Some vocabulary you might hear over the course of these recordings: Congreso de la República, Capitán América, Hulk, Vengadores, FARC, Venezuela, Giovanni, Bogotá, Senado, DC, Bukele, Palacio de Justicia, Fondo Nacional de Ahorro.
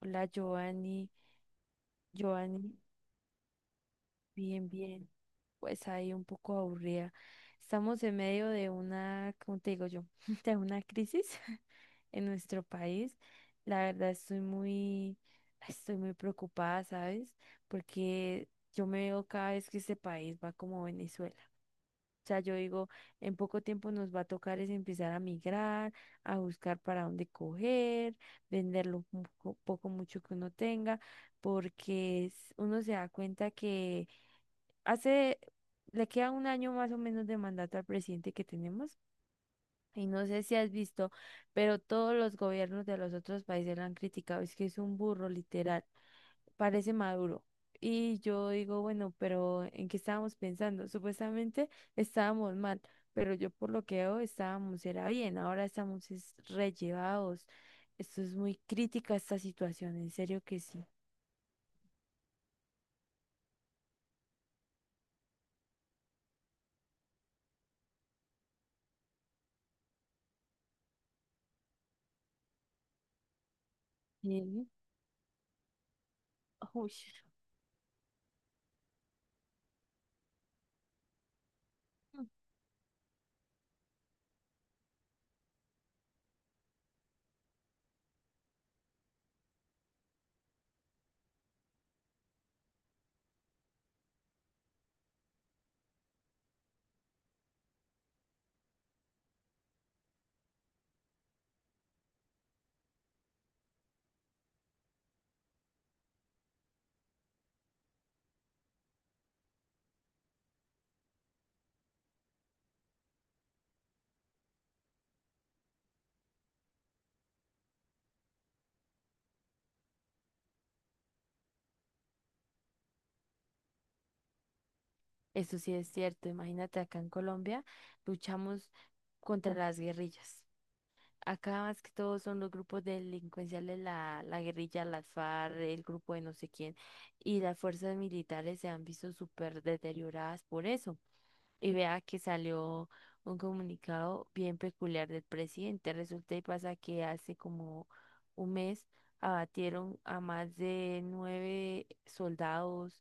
Hola, Giovanni. Giovanni, bien, bien. Pues ahí un poco aburrida. Estamos en medio de una, ¿cómo te digo yo? De una crisis en nuestro país. La verdad estoy muy preocupada, ¿sabes? Porque yo me veo cada vez que este país va como Venezuela. O sea, yo digo, en poco tiempo nos va a tocar es empezar a migrar, a buscar para dónde coger, vender lo poco, mucho que uno tenga, porque uno se da cuenta que hace, le queda un año más o menos de mandato al presidente que tenemos. Y no sé si has visto, pero todos los gobiernos de los otros países lo han criticado. Es que es un burro, literal, parece Maduro. Y yo digo, bueno, pero ¿en qué estábamos pensando? Supuestamente estábamos mal, pero yo por lo que veo estábamos era bien, ahora estamos es rellevados. Esto es muy crítica esta situación, en serio que sí. Sí. Uy. Eso sí es cierto, imagínate, acá en Colombia luchamos contra las guerrillas. Acá más que todo son los grupos delincuenciales, la guerrilla, las FARC, el grupo de no sé quién, y las fuerzas militares se han visto súper deterioradas por eso. Y vea que salió un comunicado bien peculiar del presidente. Resulta y pasa que hace como un mes abatieron a más de nueve soldados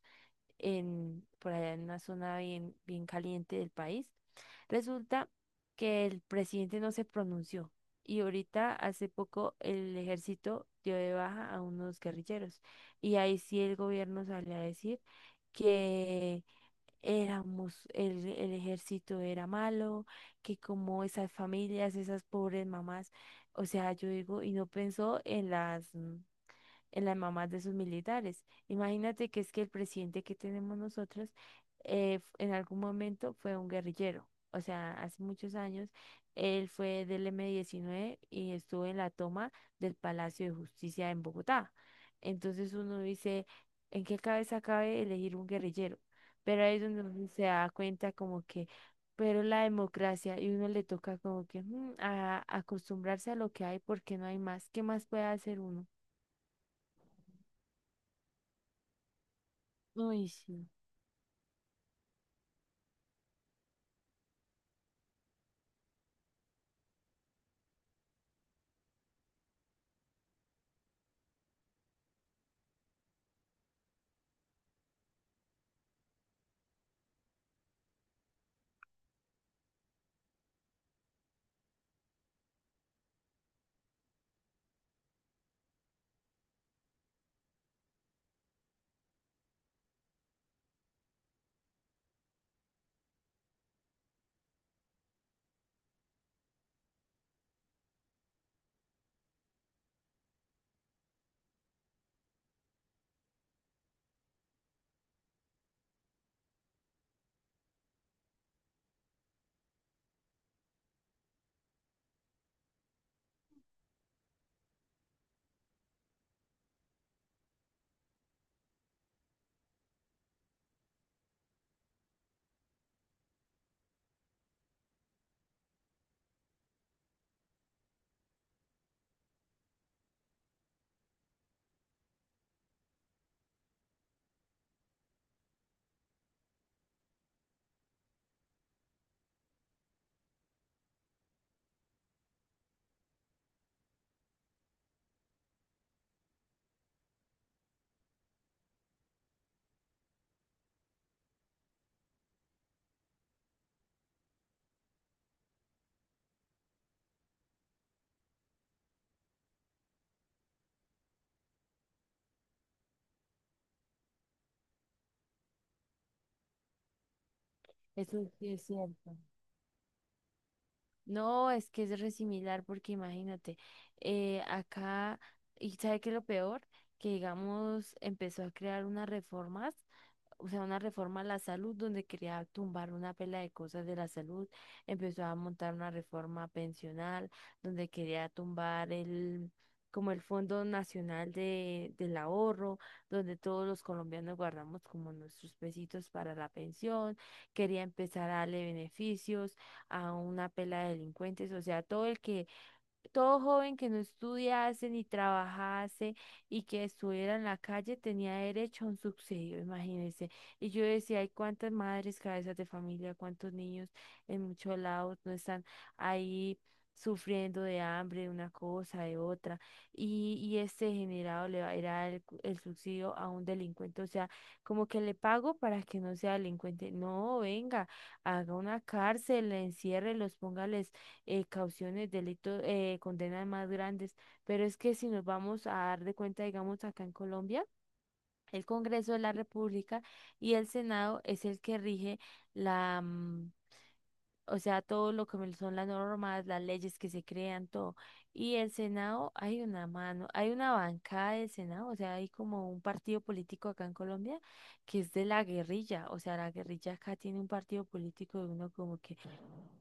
en, por allá en una zona bien, bien caliente del país. Resulta que el presidente no se pronunció, y ahorita hace poco el ejército dio de baja a unos guerrilleros y ahí sí el gobierno salió a decir que éramos, el ejército era malo, que como esas familias, esas pobres mamás. O sea, yo digo, y no pensó en las en las mamás de sus militares. Imagínate que es que el presidente que tenemos nosotros en algún momento fue un guerrillero. O sea, hace muchos años él fue del M-19 y estuvo en la toma del Palacio de Justicia en Bogotá. Entonces uno dice, ¿en qué cabeza cabe elegir un guerrillero? Pero ahí es donde uno se da cuenta como que, pero la democracia y uno le toca como que acostumbrarse a lo que hay porque no hay más. ¿Qué más puede hacer uno? Uy, sí, eso sí es cierto. No, es que es re similar porque imagínate, acá, y ¿sabe qué es lo peor? Que digamos, empezó a crear unas reformas. O sea, una reforma a la salud donde quería tumbar una pela de cosas de la salud, empezó a montar una reforma pensional donde quería tumbar el, como el Fondo Nacional del Ahorro, donde todos los colombianos guardamos como nuestros pesitos para la pensión, quería empezar a darle beneficios a una pela de delincuentes. O sea, todo joven que no estudiase ni trabajase y que estuviera en la calle tenía derecho a un subsidio, imagínense. Y yo decía, hay cuántas madres cabezas de familia, cuántos niños en muchos lados no están ahí sufriendo de hambre, de una cosa, de otra. Y este generado le va a dar el, el subsidio a un delincuente. O sea, como que le pago para que no sea delincuente. No, venga, haga una cárcel, enciérrelos, póngales cauciones, delitos, condenas más grandes. Pero es que si nos vamos a dar de cuenta, digamos, acá en Colombia, el Congreso de la República y el Senado es el que rige la, o sea, todo lo que son las normas, las leyes que se crean, todo. Y el Senado, hay una mano, hay una bancada del Senado, o sea, hay como un partido político acá en Colombia que es de la guerrilla. O sea, la guerrilla acá tiene un partido político de uno como que,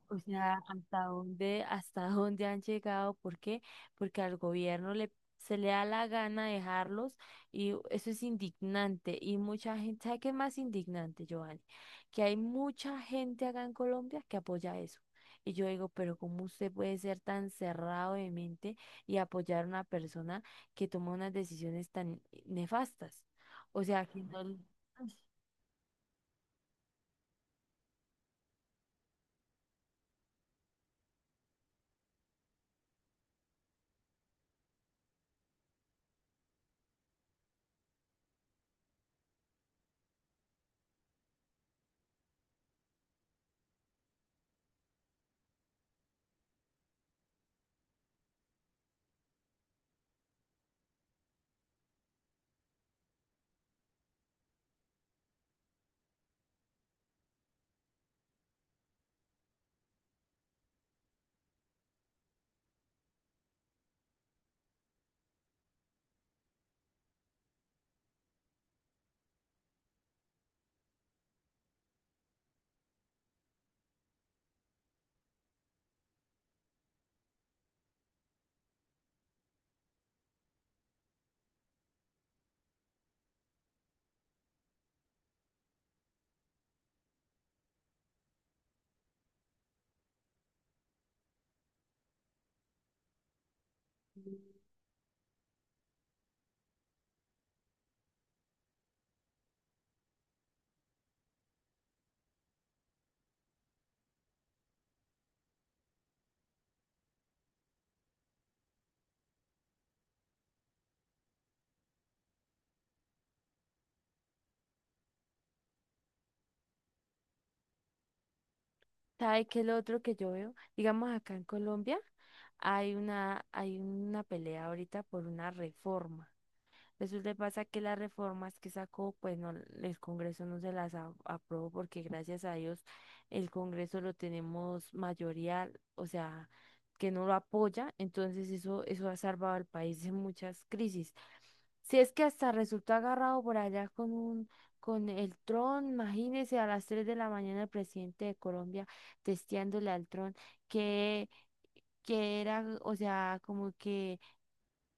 o sea, ¿hasta dónde, hasta dónde han llegado? ¿Por qué? Porque al gobierno le, se le da la gana dejarlos, y eso es indignante. Y mucha gente, ¿sabe qué es más indignante, Giovanni? Que hay mucha gente acá en Colombia que apoya eso. Y yo digo, pero ¿cómo usted puede ser tan cerrado de mente y apoyar a una persona que toma unas decisiones tan nefastas? O sea, que no sabe. Que el otro que yo veo, digamos acá en Colombia, hay una pelea ahorita por una reforma. Resulta y pasa que las reformas que sacó, pues no, el Congreso no se las aprobó porque gracias a Dios el Congreso lo tenemos mayoría. O sea, que no lo apoya, entonces eso ha salvado al país de muchas crisis. Si es que hasta resultó agarrado por allá con con el tron. Imagínese a las 3 de la mañana el presidente de Colombia testeándole al tron que que era, o sea, como que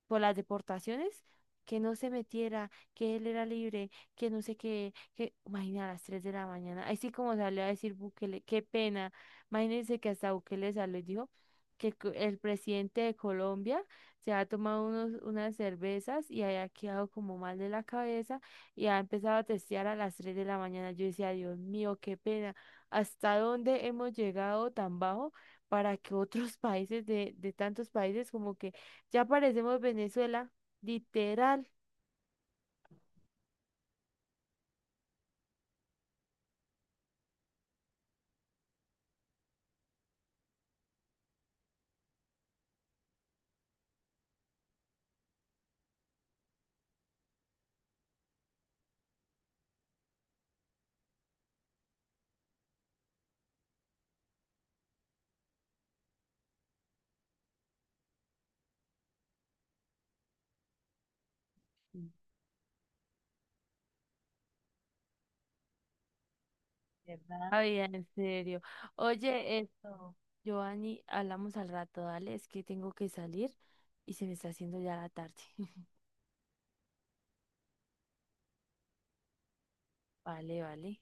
por las deportaciones, que no se metiera, que él era libre, que no sé qué, que, imagina a las 3 de la mañana, así como salió a decir Bukele, qué pena. Imagínense que hasta Bukele salió y dijo que el presidente de Colombia se ha tomado unos, unas cervezas y haya quedado como mal de la cabeza y ha empezado a testear a las 3 de la mañana. Yo decía, Dios mío, qué pena, ¿hasta dónde hemos llegado tan bajo? Para que otros países de tantos países como que ya parecemos Venezuela, literal. ¿Verdad? Ay, en serio. Oye, esto, Giovanni, hablamos al rato, dale, es que tengo que salir y se me está haciendo ya la tarde. Vale, vale.